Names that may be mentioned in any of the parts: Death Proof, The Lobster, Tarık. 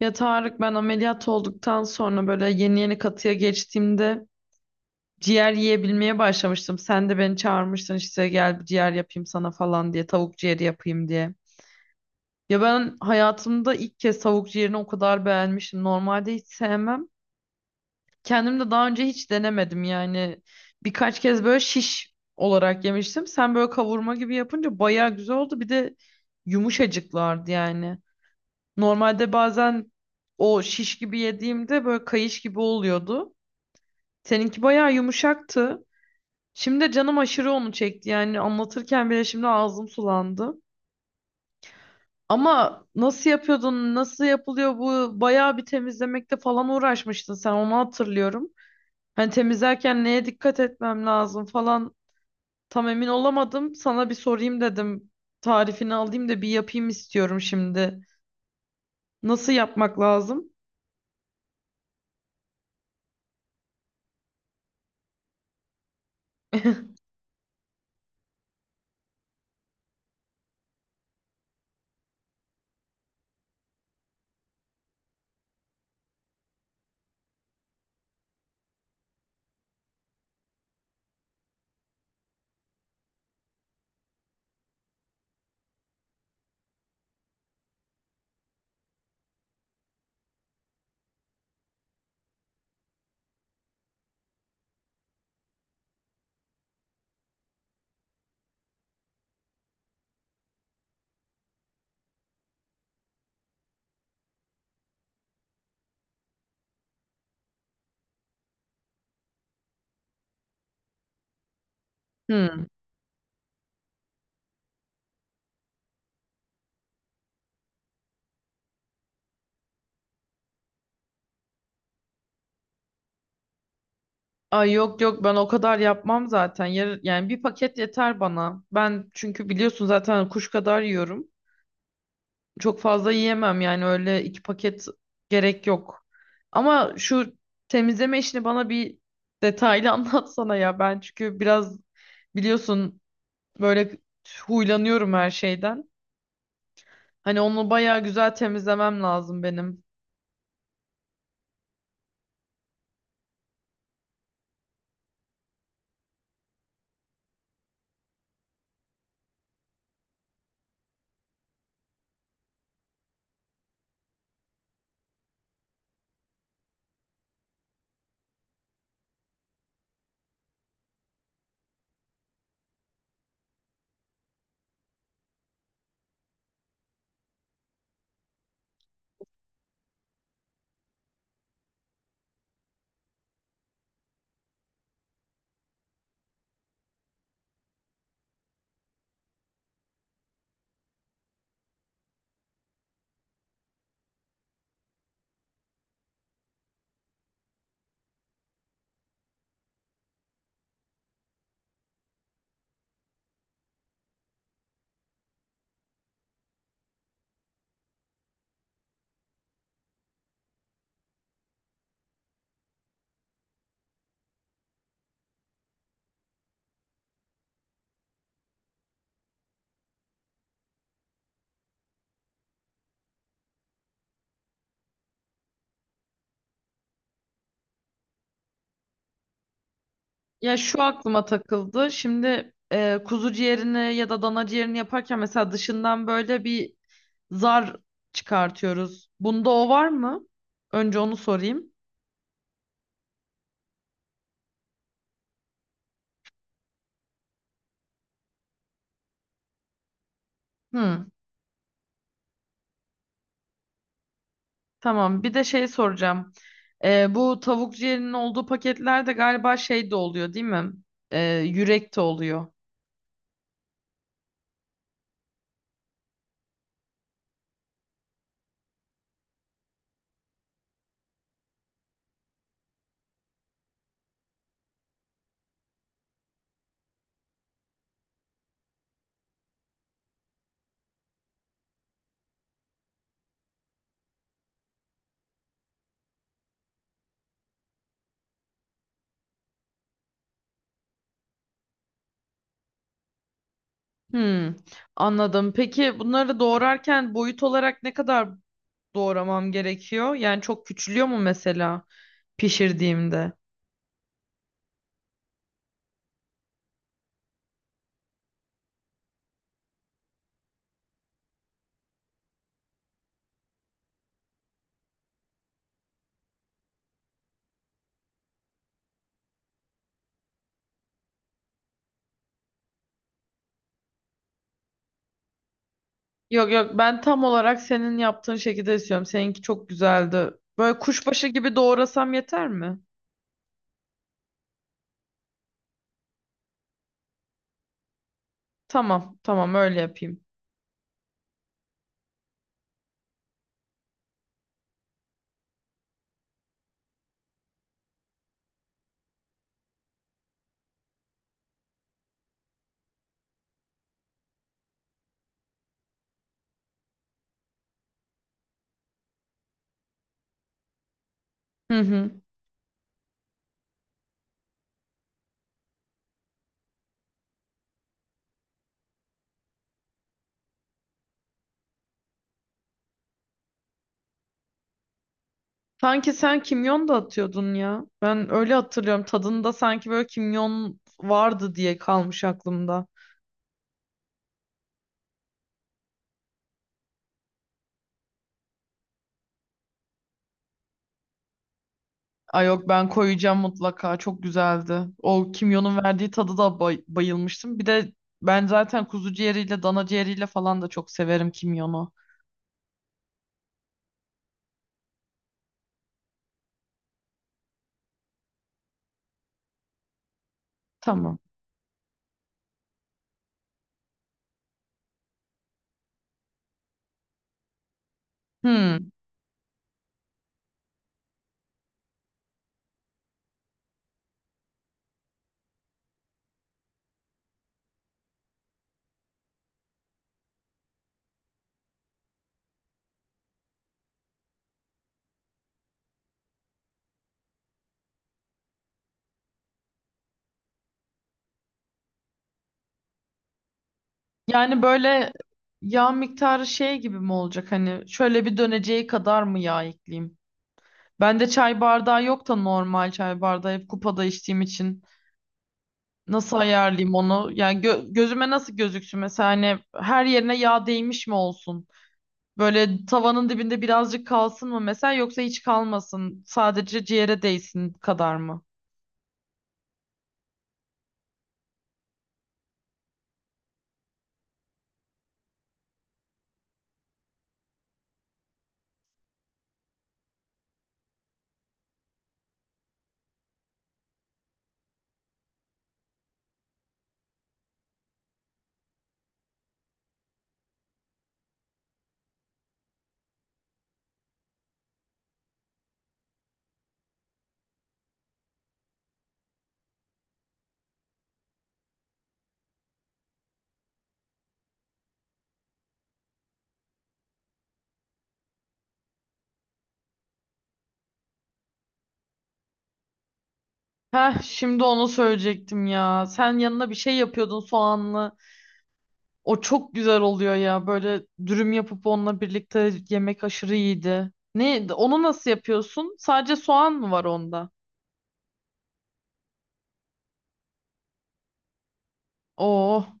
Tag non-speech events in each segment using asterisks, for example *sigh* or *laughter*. Ya Tarık, ben ameliyat olduktan sonra böyle yeni yeni katıya geçtiğimde ciğer yiyebilmeye başlamıştım. Sen de beni çağırmıştın, işte gel bir ciğer yapayım sana falan diye, tavuk ciğeri yapayım diye. Ya ben hayatımda ilk kez tavuk ciğerini o kadar beğenmiştim. Normalde hiç sevmem. Kendim de daha önce hiç denemedim yani. Birkaç kez böyle şiş olarak yemiştim. Sen böyle kavurma gibi yapınca bayağı güzel oldu. Bir de yumuşacıklardı yani. Normalde bazen o şiş gibi yediğimde böyle kayış gibi oluyordu. Seninki bayağı yumuşaktı. Şimdi de canım aşırı onu çekti. Yani anlatırken bile şimdi ağzım sulandı. Ama nasıl yapıyordun? Nasıl yapılıyor bu? Bayağı bir temizlemekte falan uğraşmıştın sen. Onu hatırlıyorum. Hani temizlerken neye dikkat etmem lazım falan, tam emin olamadım. Sana bir sorayım dedim. Tarifini alayım da bir yapayım istiyorum şimdi. Nasıl yapmak lazım? *laughs* Hmm. Ay, yok yok, ben o kadar yapmam zaten. Yani bir paket yeter bana. Ben çünkü biliyorsun zaten kuş kadar yiyorum. Çok fazla yiyemem yani, öyle iki paket gerek yok. Ama şu temizleme işini bana bir detaylı *laughs* anlatsana ya. Ben çünkü biraz biliyorsun böyle huylanıyorum her şeyden. Hani onu bayağı güzel temizlemem lazım benim. Ya şu aklıma takıldı. Şimdi kuzu ciğerini ya da dana ciğerini yaparken mesela dışından böyle bir zar çıkartıyoruz. Bunda o var mı? Önce onu sorayım. Hı, tamam. Bir de şey soracağım. Bu tavuk ciğerinin olduğu paketlerde galiba şey de oluyor, değil mi? Yürek de oluyor. Hmm, anladım. Peki bunları doğrarken boyut olarak ne kadar doğramam gerekiyor? Yani çok küçülüyor mu mesela pişirdiğimde? Yok yok, ben tam olarak senin yaptığın şekilde istiyorum. Seninki çok güzeldi. Böyle kuşbaşı gibi doğrasam yeter mi? Tamam tamam, öyle yapayım. Hı hı. Sanki sen kimyon da atıyordun ya. Ben öyle hatırlıyorum. Tadında sanki böyle kimyon vardı diye kalmış aklımda. Ay yok, ben koyacağım mutlaka. Çok güzeldi. O kimyonun verdiği tadı da bayılmıştım. Bir de ben zaten kuzu ciğeriyle dana ciğeriyle falan da çok severim kimyonu. Tamam. Hmm. Yani böyle yağ miktarı şey gibi mi olacak, hani şöyle bir döneceği kadar mı yağ ekleyeyim? Bende çay bardağı yok da, normal çay bardağı hep kupada içtiğim için nasıl ayarlayayım onu? Yani gözüme nasıl gözüksün mesela, hani her yerine yağ değmiş mi olsun? Böyle tavanın dibinde birazcık kalsın mı mesela, yoksa hiç kalmasın sadece ciğere değsin kadar mı? Heh, şimdi onu söyleyecektim ya. Sen yanına bir şey yapıyordun, soğanlı. O çok güzel oluyor ya. Böyle dürüm yapıp onunla birlikte yemek aşırı iyiydi. Ne, onu nasıl yapıyorsun? Sadece soğan mı var onda? Oh,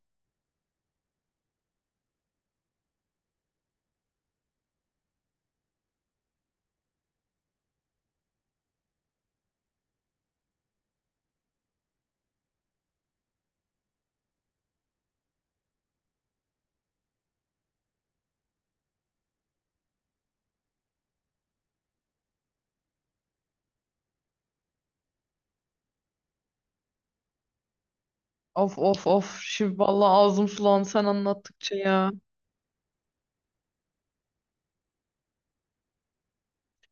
of of of. Şimdi vallahi ağzım sulandı sen anlattıkça ya.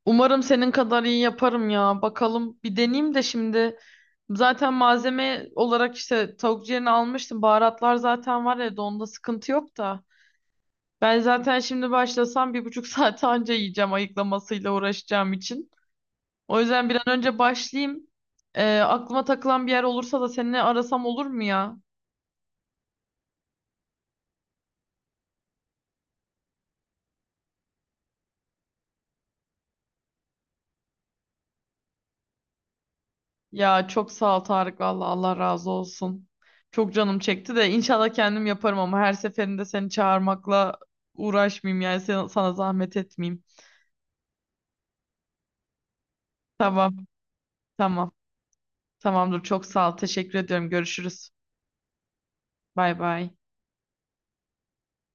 Umarım senin kadar iyi yaparım ya. Bakalım bir deneyeyim de şimdi. Zaten malzeme olarak işte tavuk ciğerini almıştım. Baharatlar zaten var evde, onda sıkıntı yok da. Ben zaten şimdi başlasam bir buçuk *laughs* saate anca yiyeceğim, ayıklamasıyla uğraşacağım için. O yüzden bir an önce başlayayım. Aklıma takılan bir yer olursa da seninle arasam olur mu ya? Ya çok sağ ol Tarık, valla Allah razı olsun. Çok canım çekti de inşallah kendim yaparım, ama her seferinde seni çağırmakla uğraşmayayım yani, sana zahmet etmeyeyim. Tamam tamam, tamamdır, çok sağ ol, teşekkür ediyorum, görüşürüz. Bay bay.